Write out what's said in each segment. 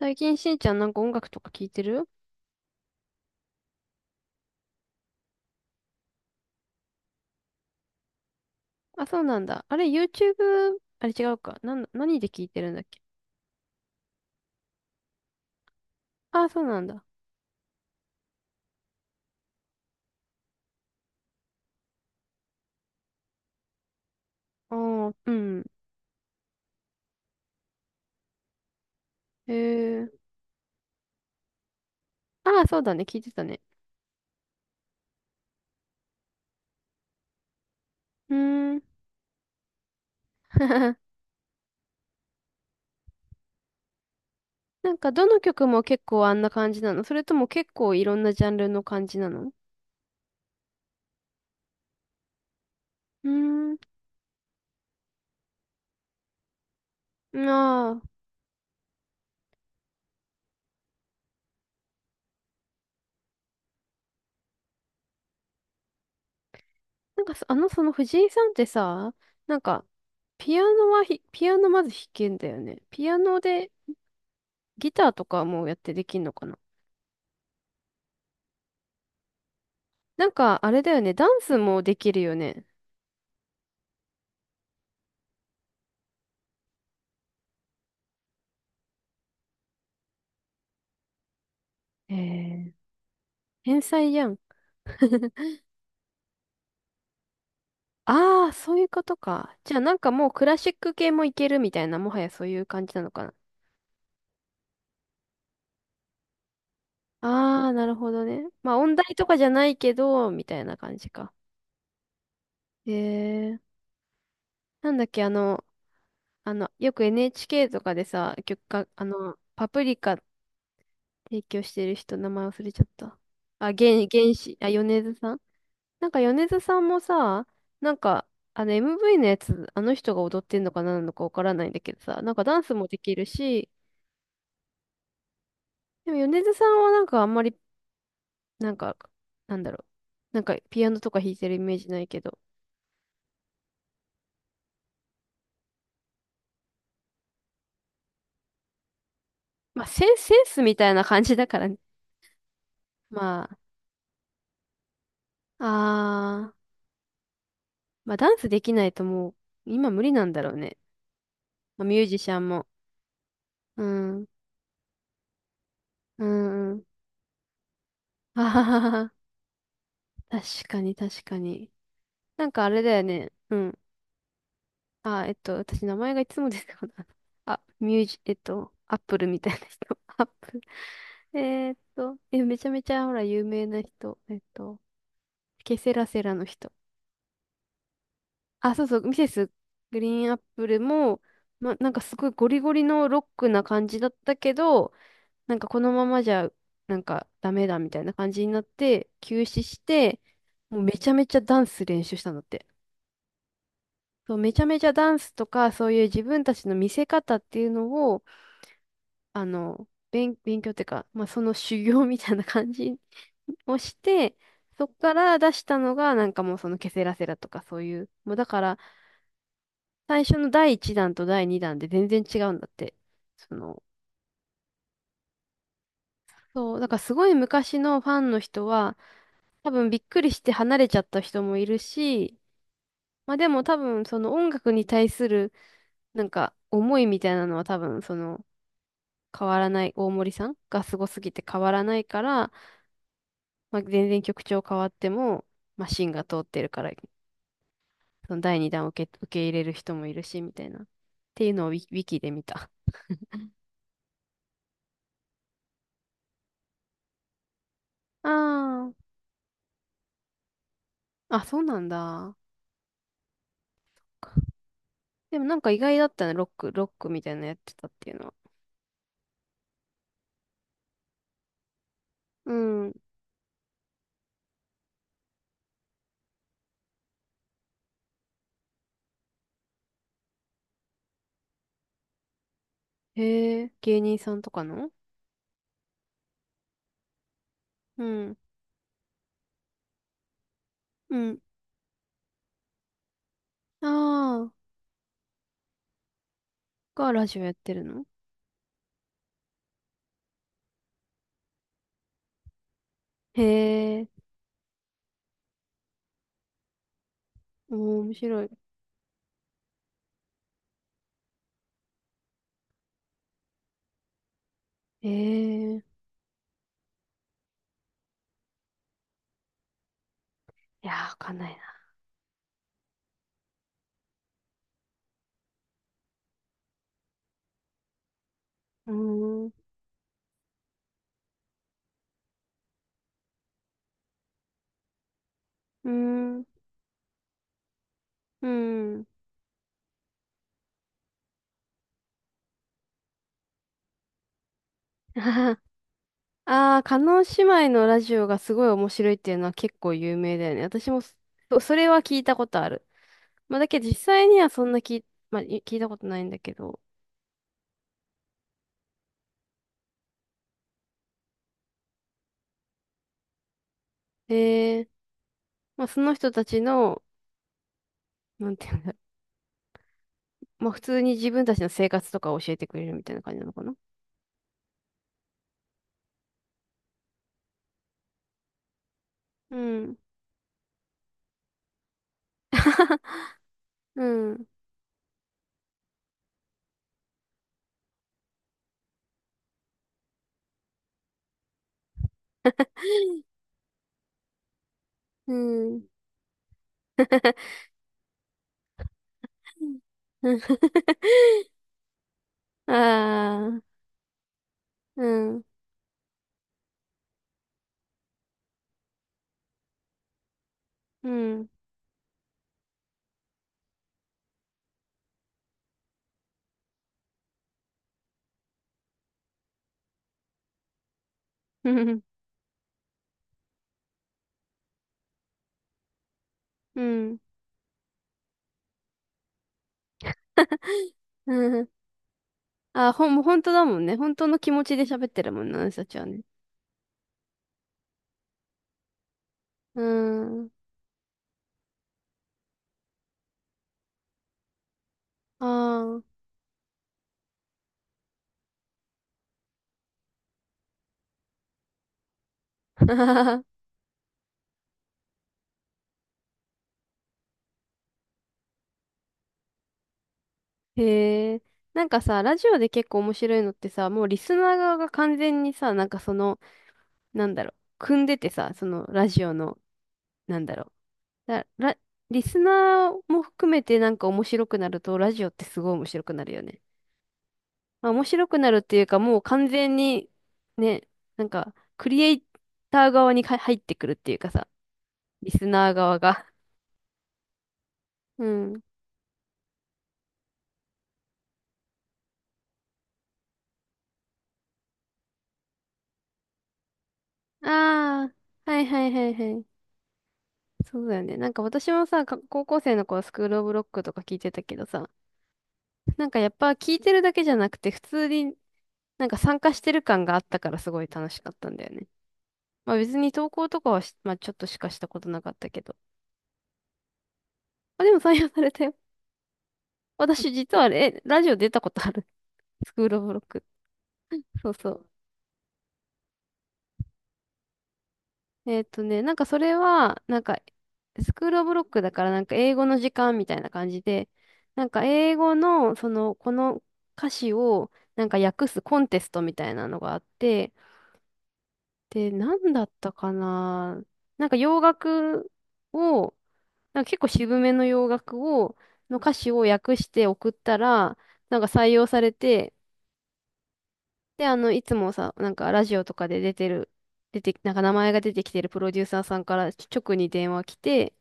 最近しんちゃんなんか音楽とか聞いてる。あ、そうなんだ。あれ、YouTube? あれ違うか。なんだ、何で聞いてるんだっけ。あ、そうなんだ。あー、うん。へえ。あ、そうだね。聞いてたね。うーん。なんか、どの曲も結構あんな感じなの、それとも結構いろんなジャンルの感じなの。うーん。ああ。その藤井さんってさ、なんか、ピアノまず弾けんだよね。ピアノでギターとかもやってできんのかな。なんか、あれだよね。ダンスもできるよね。えー、天才やん。ああ、そういうことか。じゃあ、なんかもうクラシック系もいけるみたいな、もはやそういう感じなのかな。ああ、なるほどね。まあ、音大とかじゃないけど、みたいな感じか。へえー、なんだっけ、あの、あの、よく NHK とかでさ、曲か、あの、パプリカ提供してる人、名前忘れちゃった。あ、原、原始、あ、米津さん。なんか米津さんもさ、なんか、あの MV のやつ、あの人が踊ってんのか何なのかわからないんだけどさ、なんかダンスもできるし、でも米津さんはなんかあんまり、なんか、なんだろう、なんかピアノとか弾いてるイメージないけど、センスみたいな感じだからね。まあ、あー、まあダンスできないともう、今無理なんだろうね。まあ、ミュージシャンも。うん、うん、うん。あはははは、確かに確かに。なんかあれだよね。うん。あ、えっと、私、名前がいつもですこない。あ、ミュージ、えっと、アップルみたいな人。アップル。めちゃめちゃ、ほら、有名な人。えっと、ケセラセラの人。あ、そうそう、ミセスグリーンアップル。ま、なんかすごいゴリゴリのロックな感じだったけど、なんかこのままじゃ、なんかダメだみたいな感じになって、休止して、もうめちゃめちゃダンス練習したんだって。そう、めちゃめちゃダンスとか、そういう自分たちの見せ方っていうのを、勉強っていうか、まあ、その修行みたいな感じ をして、そっから出したのが、なんかもうそのケセラセラとかそういう、もうだから、最初の第1弾と第2弾で全然違うんだって。その、そう、だからすごい昔のファンの人は、多分びっくりして離れちゃった人もいるし、まあでも多分その音楽に対する、なんか思いみたいなのは多分その、変わらない、大森さんがすごすぎて変わらないから、まあ、全然曲調変わっても、マシンが通ってるから、その第2弾を受け、受け入れる人もいるし、みたいな。っていうのをウィ、ウィキで見た。ああ、あ、そうなんだ。でもなんか意外だったね、ロックみたいなのやってたっていうのは。うん。へえ、芸人さんとかの。うん。うん。ああ、がラジオやってるの。へえ、おー面白い。へえ、いやー、わかんないな。うーん、うーん、うーん。ああ、叶姉妹のラジオがすごい面白いっていうのは結構有名だよね。私もそ、それは聞いたことある。まあ、だけど実際にはそんな聞い、まあ、聞いたことないんだけど。ええ、まあ、その人たちの、なんていうんだろう。まあ、普通に自分たちの生活とかを教えてくれるみたいな感じなのかな。うん。うん。うん。うん。ああ、うん。うん。うん。うん。うん。ああ、ほん、もう本当だもんね。本当の気持ちで喋ってるもんな、私たちはね。うん。ああ。へえ。なんかさ、ラジオで結構面白いのってさ、もうリスナー側が完全にさ、なんかその、なんだろう、組んでてさ、そのラジオの、なんだろう。だ、ラ、リスナーも含めてなんか面白くなると、ラジオってすごい面白くなるよね。まあ、面白くなるっていうか、もう完全に、ね、なんか、クリエイター側に入ってくるっていうかさ、リスナー側が。うん。ああ、はいはいはいはい。そうだよね。なんか私もさ、高校生の頃スクールオブロックとか聞いてたけどさ、なんかやっぱ聞いてるだけじゃなくて、普通になんか参加してる感があったからすごい楽しかったんだよね。まあ別に投稿とかはしまあちょっとしかしたことなかったけど。まあ、でも採用されたよ。私実はあれ、えラジオ出たことある。スクールオブロック。そうそう。えっとね、なんかそれは、なんか、スクールオブロックだから、なんか英語の時間みたいな感じで、なんか英語の、その、この歌詞を、なんか訳すコンテストみたいなのがあって、で、なんだったかな。なんか洋楽を、なんか結構渋めの洋楽を、歌詞を訳して送ったら、なんか採用されて、で、あの、いつもさ、なんかラジオとかで出てる、出て、なんか名前が出てきてるプロデューサーさんから直に電話来て、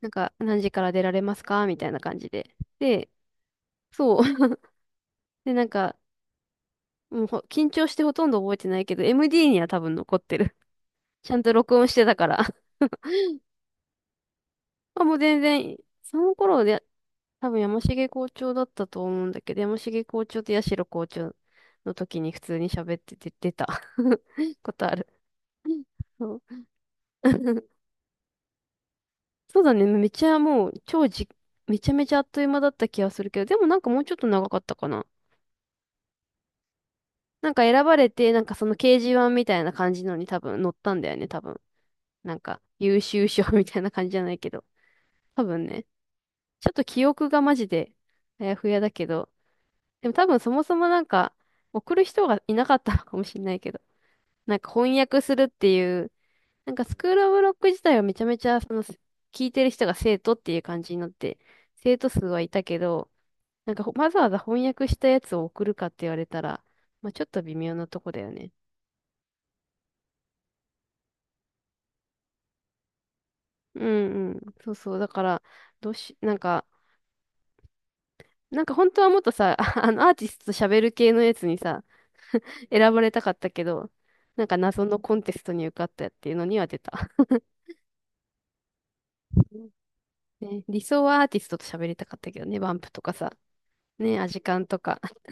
なんか、何時から出られますかみたいな感じで。で、そう。で、なんか、もう緊張してほとんど覚えてないけど、MD には多分残ってる。ちゃんと録音してたから。まあもう全然、その頃で、多分山重校長だったと思うんだけど、山重校長と八代校長の時に普通に喋ってて出た ことある。そう そうだね。めっちゃもう、超じ、めちゃめちゃあっという間だった気がするけど、でもなんかもうちょっと長かったかな。なんか選ばれて、なんかその掲示板みたいな感じのに多分載ったんだよね、多分。なんか優秀賞 みたいな感じじゃないけど。多分ね。ちょっと記憶がマジであやふやだけど。でも多分そもそもなんか送る人がいなかったのかもしれないけど。なんか翻訳するっていう、なんかスクールオブロック自体はめちゃめちゃその聞いてる人が生徒っていう感じになって、生徒数はいたけど、なんかわざわざ翻訳したやつを送るかって言われたら、まあちょっと微妙なとこだよね。うんうん。そうそう。だから、どうし、なんか、なんか本当はもっとさ、あの、アーティストと喋る系のやつにさ、選ばれたかったけど、なんか謎のコンテストに受かったっていうのには出た。ね、理想はアーティストと喋りたかったけどね、バンプとかさ、ね、アジカンとか。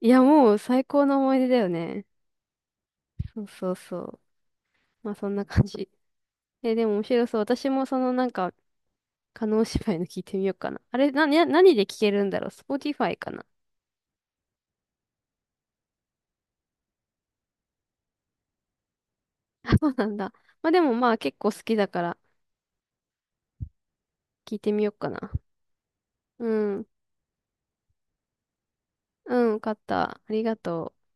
いや、もう最高の思い出だよね。そうそうそう。まあそんな感じ。え、でも面白そう。私もそのなんか、叶姉妹の聞いてみようかな。あれ、何で聞けるんだろう？ Spotify かな。そうなんだ。まあでもまあ結構好きだから、聞いてみようかな。うん。うん、勝った。ありがとう。